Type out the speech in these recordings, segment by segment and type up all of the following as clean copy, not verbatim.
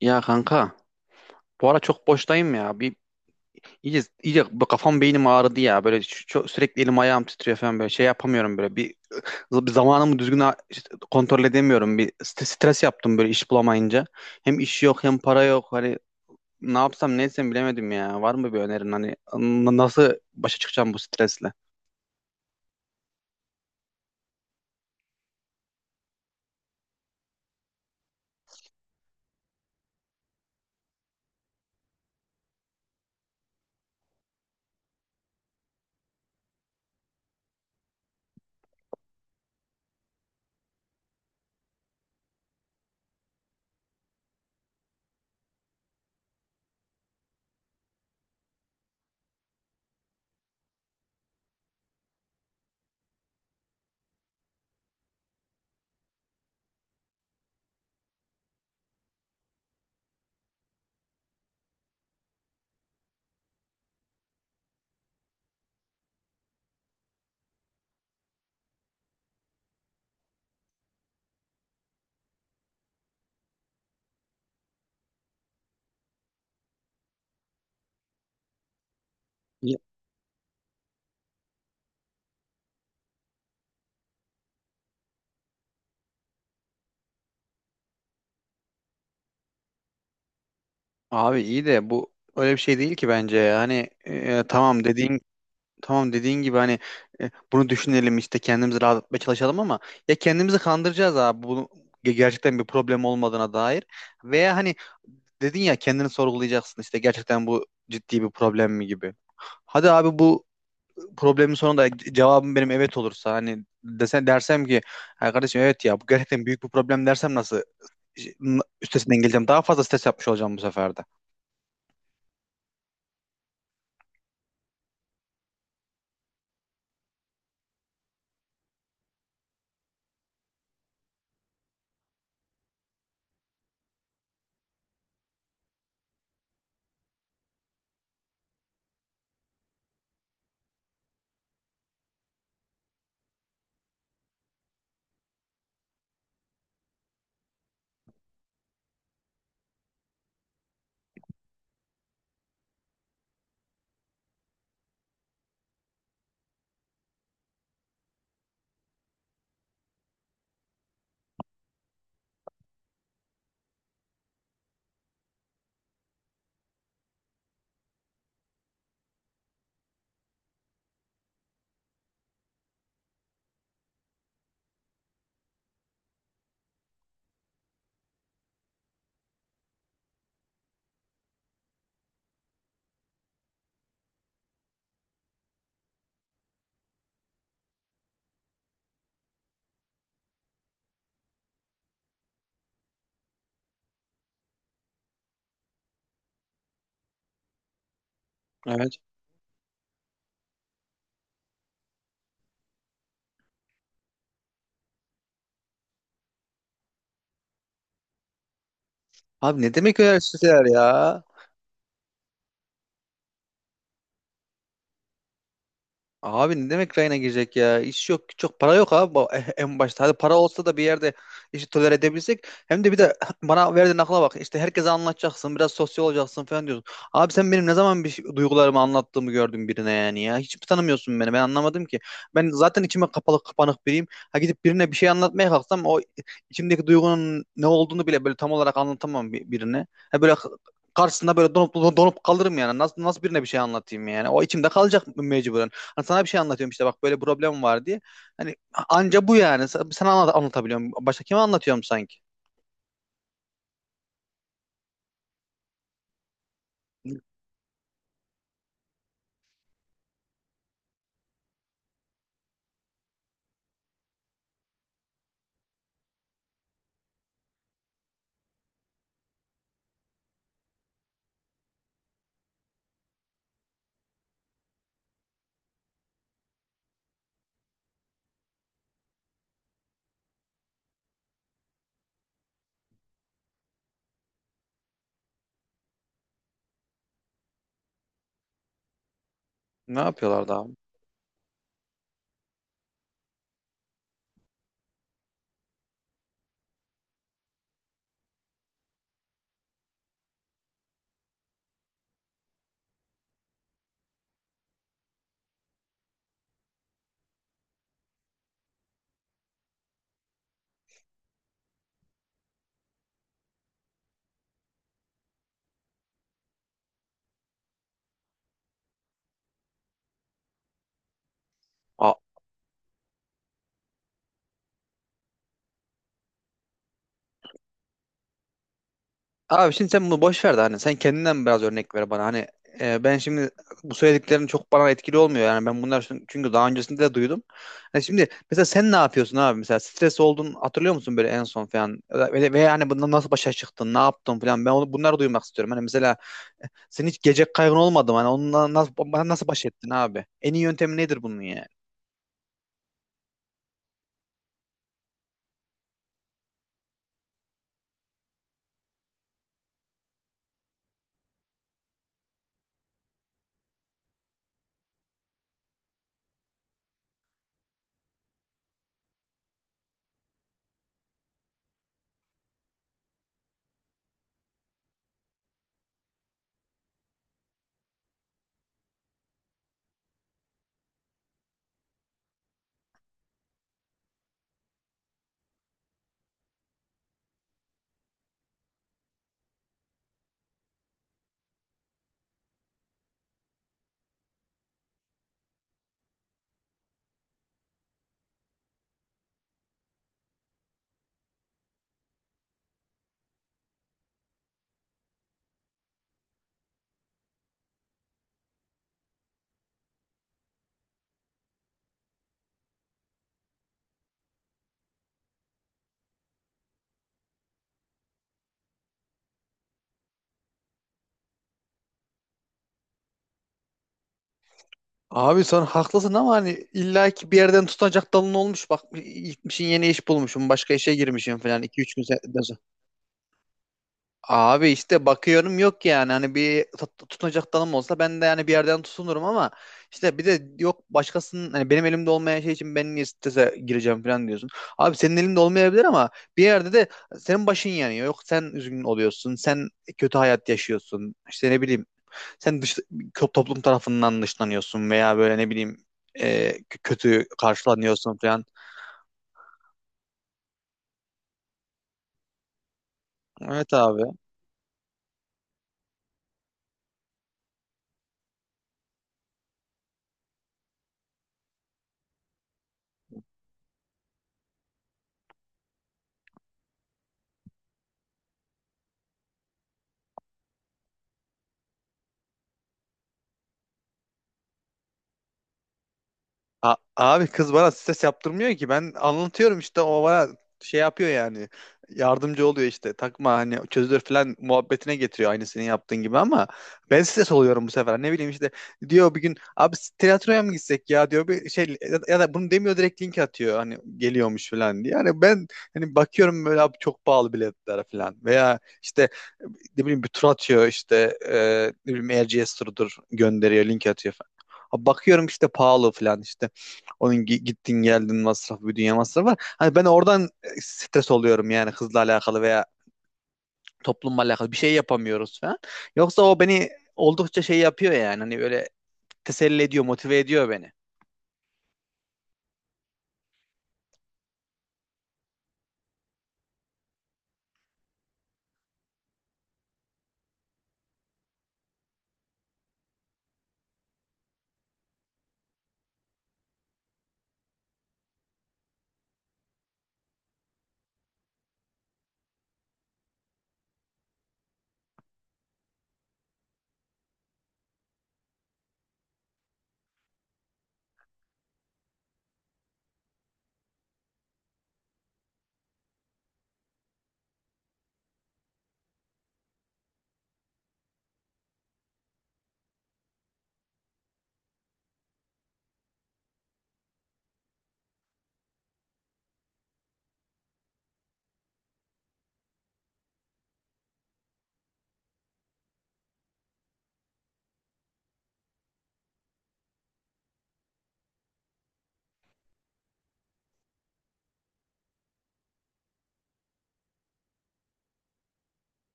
Ya kanka, bu ara çok boştayım ya. Bir iyice, iyice bu kafam, beynim ağrıdı ya. Böyle çok, sürekli elim ayağım titriyor falan, böyle şey yapamıyorum böyle. Bir zamanımı düzgün işte kontrol edemiyorum. Bir stres yaptım böyle, iş bulamayınca. Hem iş yok, hem para yok. Hani ne yapsam ne etsem bilemedim ya. Var mı bir önerin, hani nasıl başa çıkacağım bu stresle? Ya- Abi iyi de bu öyle bir şey değil ki bence. Yani tamam dediğin gibi hani, bunu düşünelim, işte kendimizi rahatlatmaya çalışalım, ama ya kendimizi kandıracağız abi, bunu gerçekten bir problem olmadığına dair. Veya hani, dedin ya kendini sorgulayacaksın, işte gerçekten bu ciddi bir problem mi gibi. Hadi abi, bu problemin sonunda cevabım benim evet olursa, hani dersem ki "Ha kardeşim, evet ya, bu gerçekten büyük bir problem," dersem, nasıl üstesinden geleceğim? Daha fazla stres yapmış olacağım bu sefer de. Evet. Abi, ne demek önerseler ya? Abi, ne demek rayına girecek ya? İş yok, güç yok, para yok abi, en başta. Hadi para olsa da bir yerde işi tolere edebilsek. Hem de bir de bana verdiğin akla bak. İşte herkese anlatacaksın, biraz sosyal olacaksın falan diyorsun. Abi sen benim ne zaman duygularımı anlattığımı gördün birine, yani ya. Hiç mi tanımıyorsun beni? Ben anlamadım ki. Ben zaten içime kapalı kapanık biriyim. Ha, gidip birine bir şey anlatmaya kalksam, o içimdeki duygunun ne olduğunu bile böyle tam olarak anlatamam birine. Ha böyle, karşısında böyle donup donup kalırım yani. Nasıl birine bir şey anlatayım yani? O içimde kalacak mecburen. Hani sana bir şey anlatıyorum işte, bak böyle problem var diye. Hani, anca bu yani. Sana anlatabiliyorum. Başka kime anlatıyorum sanki? Ne yapıyorlar daha abi? A- Abi şimdi sen bunu boş ver de, hani sen kendinden biraz örnek ver bana. Hani ben şimdi, bu söylediklerin çok bana etkili olmuyor. Yani ben çünkü daha öncesinde de duydum. Yani şimdi mesela sen ne yapıyorsun abi? Mesela stres oldun, hatırlıyor musun böyle en son falan? Ve yani bundan nasıl başa çıktın? Ne yaptın falan? Ben onu, bunları duymak istiyorum. Hani mesela, senin hiç gelecek kaygın olmadı mı? Hani onunla nasıl baş ettin abi? En iyi yöntemi nedir bunun yani? Abi sen haklısın ama hani illaki bir yerden tutunacak dalın olmuş. Bak, gitmişin yeni iş bulmuşum, başka işe girmişim falan. İki üç gün abi işte bakıyorum yok yani, hani bir tutunacak dalım olsa ben de yani bir yerden tutunurum, ama işte bir de yok. Başkasının, hani benim elimde olmayan şey için ben niye strese gireceğim falan diyorsun. Abi, senin elinde olmayabilir ama bir yerde de senin başın yanıyor. Yok, sen üzgün oluyorsun. Sen kötü hayat yaşıyorsun. İşte ne bileyim, sen toplum tarafından dışlanıyorsun, veya böyle ne bileyim kötü karşılanıyorsun falan. Evet abi. Abi, kız bana stres yaptırmıyor ki. Ben anlatıyorum işte, o bana şey yapıyor yani. Yardımcı oluyor işte. Takma hani, çözülür falan muhabbetine getiriyor aynı senin yaptığın gibi, ama ben stres oluyorum bu sefer. Ne bileyim işte, diyor bir gün abi tiyatroya mı gitsek ya, diyor bir şey. Ya da bunu demiyor, direkt link atıyor hani geliyormuş falan diye. Yani ben hani bakıyorum böyle abi, çok pahalı biletler falan, veya işte ne bileyim bir tur atıyor işte, ne bileyim RGS turudur, gönderiyor link atıyor falan. Bakıyorum işte pahalı falan işte. Onun gittin geldin masrafı, bir dünya masrafı var. Hani ben oradan stres oluyorum yani, kızla alakalı veya toplumla alakalı bir şey yapamıyoruz falan. Yoksa o beni oldukça şey yapıyor yani, hani böyle teselli ediyor, motive ediyor beni.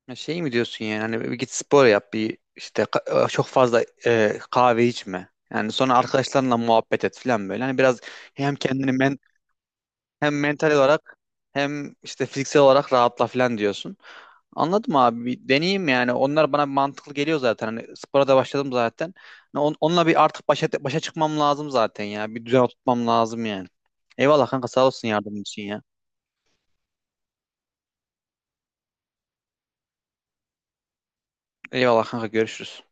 Ya, şey mi diyorsun yani, hani bir git spor yap, bir işte çok fazla kahve içme. Yani sonra arkadaşlarınla muhabbet et falan böyle. Hani biraz hem kendini men, hem mental olarak hem işte fiziksel olarak rahatla falan diyorsun. Anladım abi. Bir deneyeyim yani. Onlar bana mantıklı geliyor zaten. Hani spora da başladım zaten. Hani onunla bir artık başa çıkmam lazım zaten ya. Bir düzen oturtmam lazım yani. Eyvallah kanka, sağ olsun yardımın için ya. Eyvallah kanka, görüşürüz.